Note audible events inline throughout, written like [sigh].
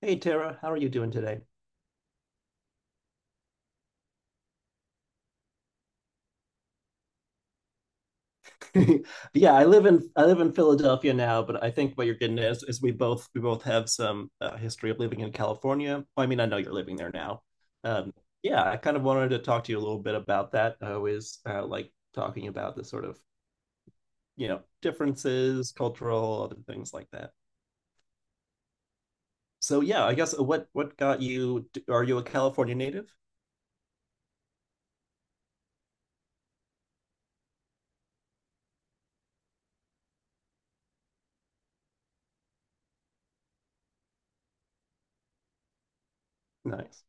Hey Tara, how are you doing today? [laughs] Yeah, I live in Philadelphia now, but I think what you're getting at is we both have some history of living in California. Well, I mean, I know you're living there now. Um, yeah, I kind of wanted to talk to you a little bit about that. I always like talking about the sort of differences, cultural, other things like that. So yeah, I guess what got you? Are you a California native? Nice.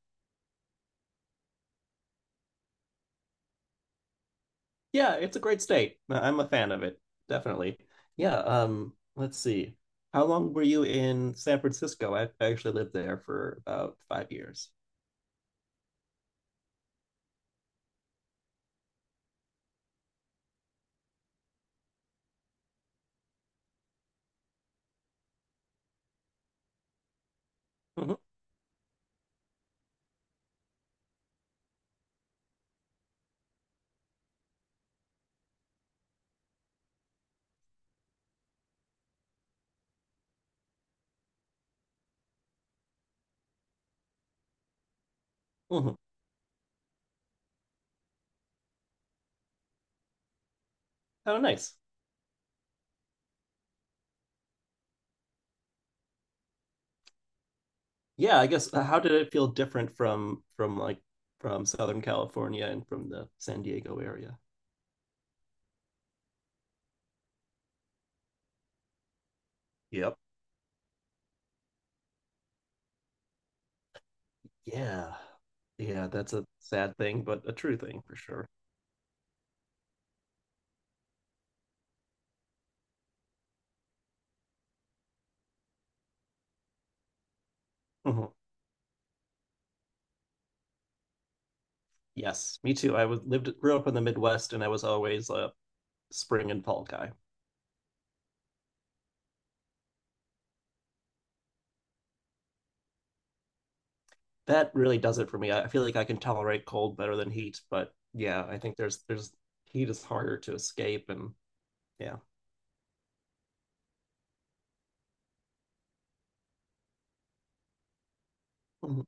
Yeah, it's a great state. I'm a fan of it, definitely. Yeah, let's see. How long were you in San Francisco? I actually lived there for about 5 years. Hmm. Hmm. Oh, nice. Yeah, I guess how did it feel different from like from Southern California and from the San Diego area? Yep. Yeah. Yeah, that's a sad thing, but a true thing for sure. Mhm. Yes, me too. I was lived grew up in the Midwest and I was always a spring and fall guy. That really does it for me. I feel like I can tolerate cold better than heat, but yeah, I think there's heat is harder to escape, and yeah. Mhm.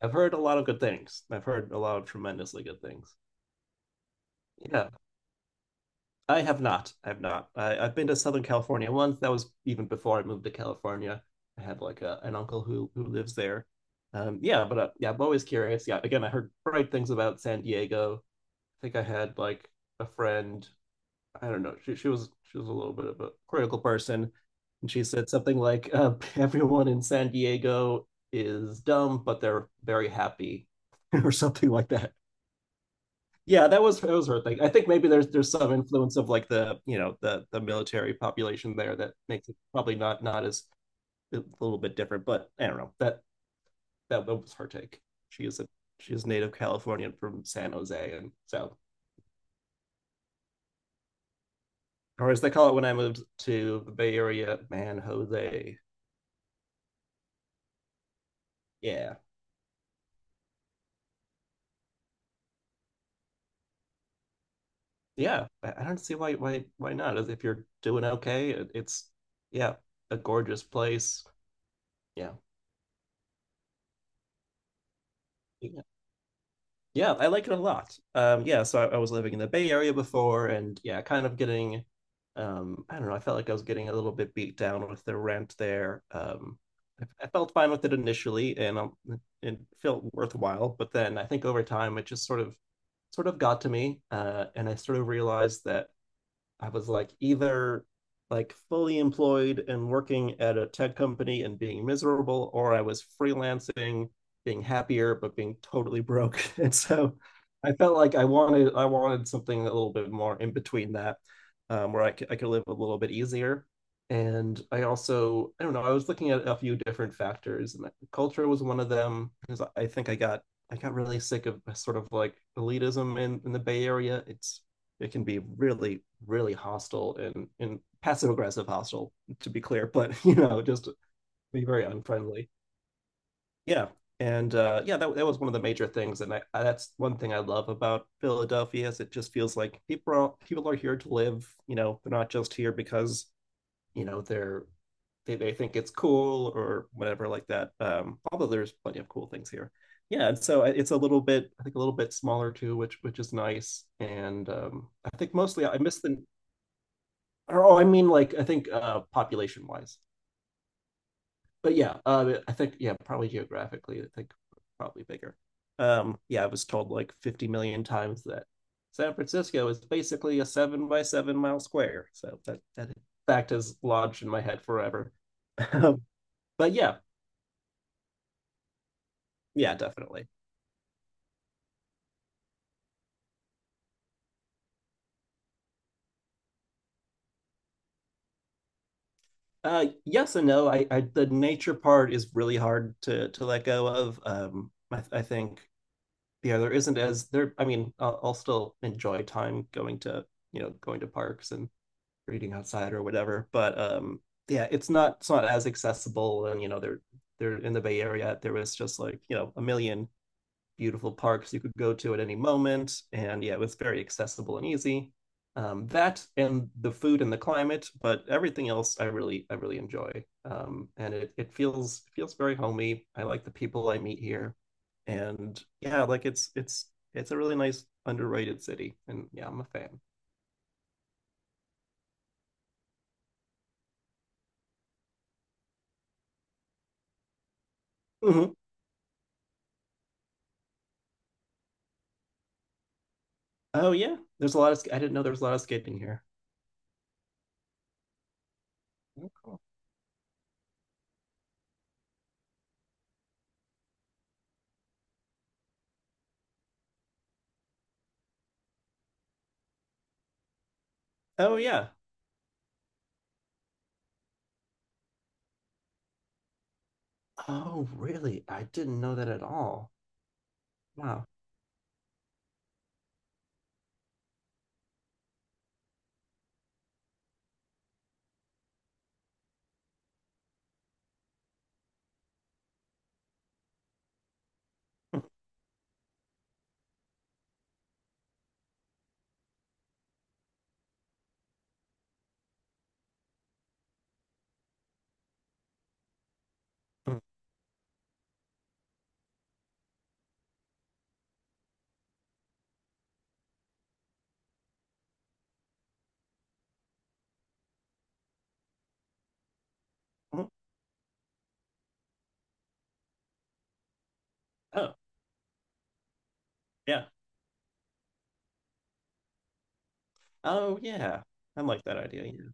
I've heard a lot of good things. I've heard a lot of tremendously good things. Yeah, I have not. I have not. I've been to Southern California once. That was even before I moved to California. I have like a, an uncle who lives there. Yeah, but yeah, I'm always curious. Yeah, again, I heard great things about San Diego. I think I had like a friend. I don't know. She was a little bit of a critical person, and she said something like, [laughs] "Everyone in San Diego is dumb, but they're very happy," [laughs] or something like that. Yeah, that was her thing. I think maybe there's some influence of like the military population there that makes it probably not as, a little bit different. But I don't know, that, that was her take. She is a she is native Californian from San Jose, and so, or as they call it when I moved to the Bay Area, man, Jose. Yeah. Yeah, I don't see why not. As if you're doing okay, it's, yeah, a gorgeous place. Yeah. Yeah. Yeah, I like it a lot. Yeah, so I was living in the Bay Area before, and yeah, kind of getting, I don't know, I felt like I was getting a little bit beat down with the rent there. I felt fine with it initially, and it felt worthwhile, but then I think over time it just sort of got to me, and I sort of realized that I was like either, like, fully employed and working at a tech company and being miserable, or I was freelancing, being happier but being totally broke. [laughs] And so I felt like I wanted something a little bit more in between that, where I could live a little bit easier. And I also, I don't know, I was looking at a few different factors, and culture was one of them because I think I got really sick of sort of like elitism in the Bay Area. It can be really really hostile and passive aggressive hostile, to be clear, but [laughs] just be very unfriendly. Yeah, and yeah, that was one of the major things, and that's one thing I love about Philadelphia, is it just feels like people are here to live. You know, they're not just here because, you know they're they think it's cool or whatever like that. Um, although there's plenty of cool things here. Yeah, and so it's a little bit, I think, a little bit smaller too, which is nice. And I think mostly I miss the, or, oh, I mean, like I think, population wise. But yeah, I think, yeah, probably geographically, I think probably bigger. Yeah, I was told like 50 million times that San Francisco is basically a 7 by 7 mile square. So that that fact is lodged in my head forever. [laughs] But yeah, yeah, definitely. Yes and no. I the nature part is really hard to let go of. I think, yeah, there isn't, as there. I mean, I'll still enjoy time going to you know going to parks and reading outside or whatever, but yeah, it's not as accessible. And you know, they're in the Bay Area, there was just like a million beautiful parks you could go to at any moment. And yeah, it was very accessible and easy. That and the food and the climate, but everything else I really enjoy. And it feels very homey. I like the people I meet here, and yeah, like it's a really nice, underrated city. And yeah, I'm a fan. Mhm. Oh yeah, there's a lot of I didn't know there was a lot of skating here. Oh, cool. Oh, yeah. Oh really? I didn't know that at all. Wow. [laughs] Oh yeah. Oh yeah, I like that idea. Yeah.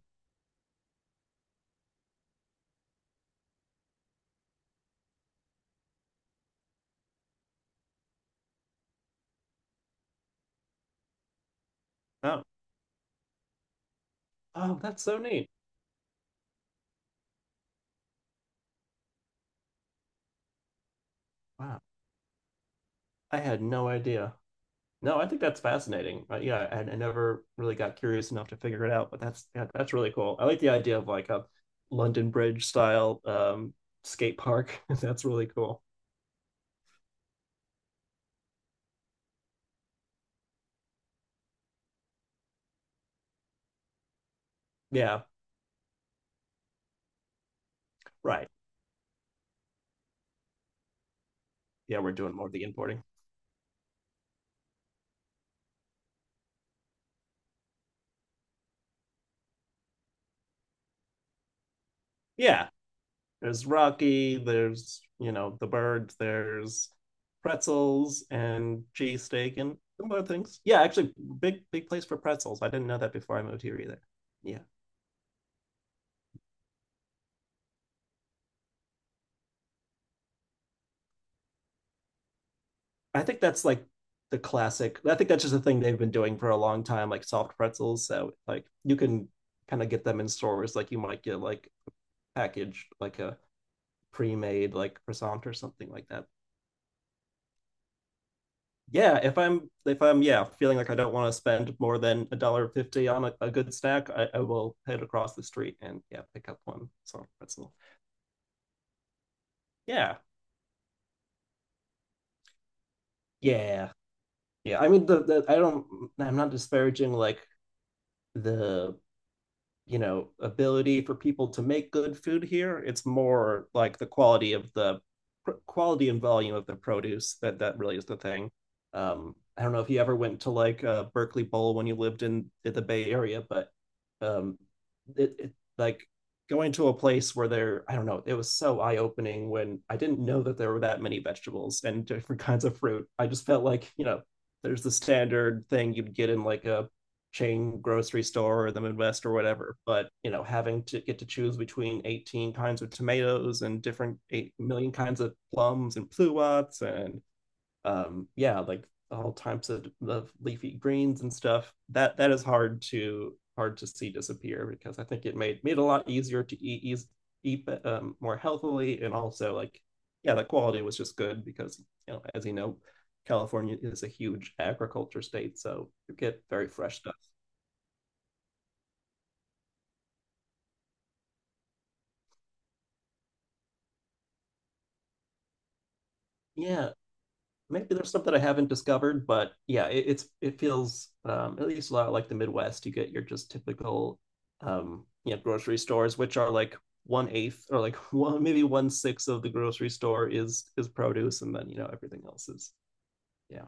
Oh, oh, that's so neat. Wow, I had no idea. No, I think that's fascinating. Yeah, I never really got curious enough to figure it out, but that's, yeah, that's really cool. I like the idea of like a London Bridge style skate park. [laughs] That's really cool. Yeah, right. Yeah, we're doing more of the importing. Yeah, there's Rocky, there's, you know, the bird, there's pretzels and cheese steak and similar things. Yeah, actually, big, big place for pretzels. I didn't know that before I moved here either. Yeah. I think that's like the classic. I think that's just a thing they've been doing for a long time, like soft pretzels. So, like, you can kind of get them in stores, like, you might get like packaged, like a pre made, like croissant or something like that. Yeah, if I'm, yeah, feeling like I don't want to spend more than a dollar fifty on a good snack, I will head across the street and, yeah, pick up one. So that's all. Yeah, yeah, yeah. I mean the I don't I'm not disparaging like the ability for people to make good food here. It's more like the quality of the, quality and volume of the produce, that that really is the thing. Um, I don't know if you ever went to like Berkeley Bowl when you lived in the Bay Area, but um it, it like going to a place where there, I don't know, it was so eye-opening. When I didn't know that there were that many vegetables and different [laughs] kinds of fruit, I just felt like, you know, there's the standard thing you'd get in like a chain grocery store or the Midwest or whatever. But you know, having to get to choose between 18 kinds of tomatoes and different 8 million kinds of plums and pluots and, yeah, like all types of leafy greens and stuff. That is hard to see disappear, because I think it made it a lot easier to eat more healthily, and also, like, yeah, the quality was just good because, as you know, California is a huge agriculture state, so you get very fresh stuff. Yeah, maybe there's stuff that I haven't discovered, but yeah, it feels at least a lot like the Midwest. You get your just typical, grocery stores, which are like one eighth or like [laughs] one sixth of the grocery store is produce, and then everything else is. Yeah,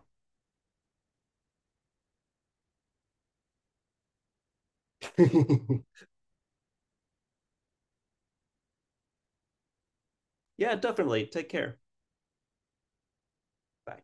[laughs] yeah, definitely. Take care. Bye.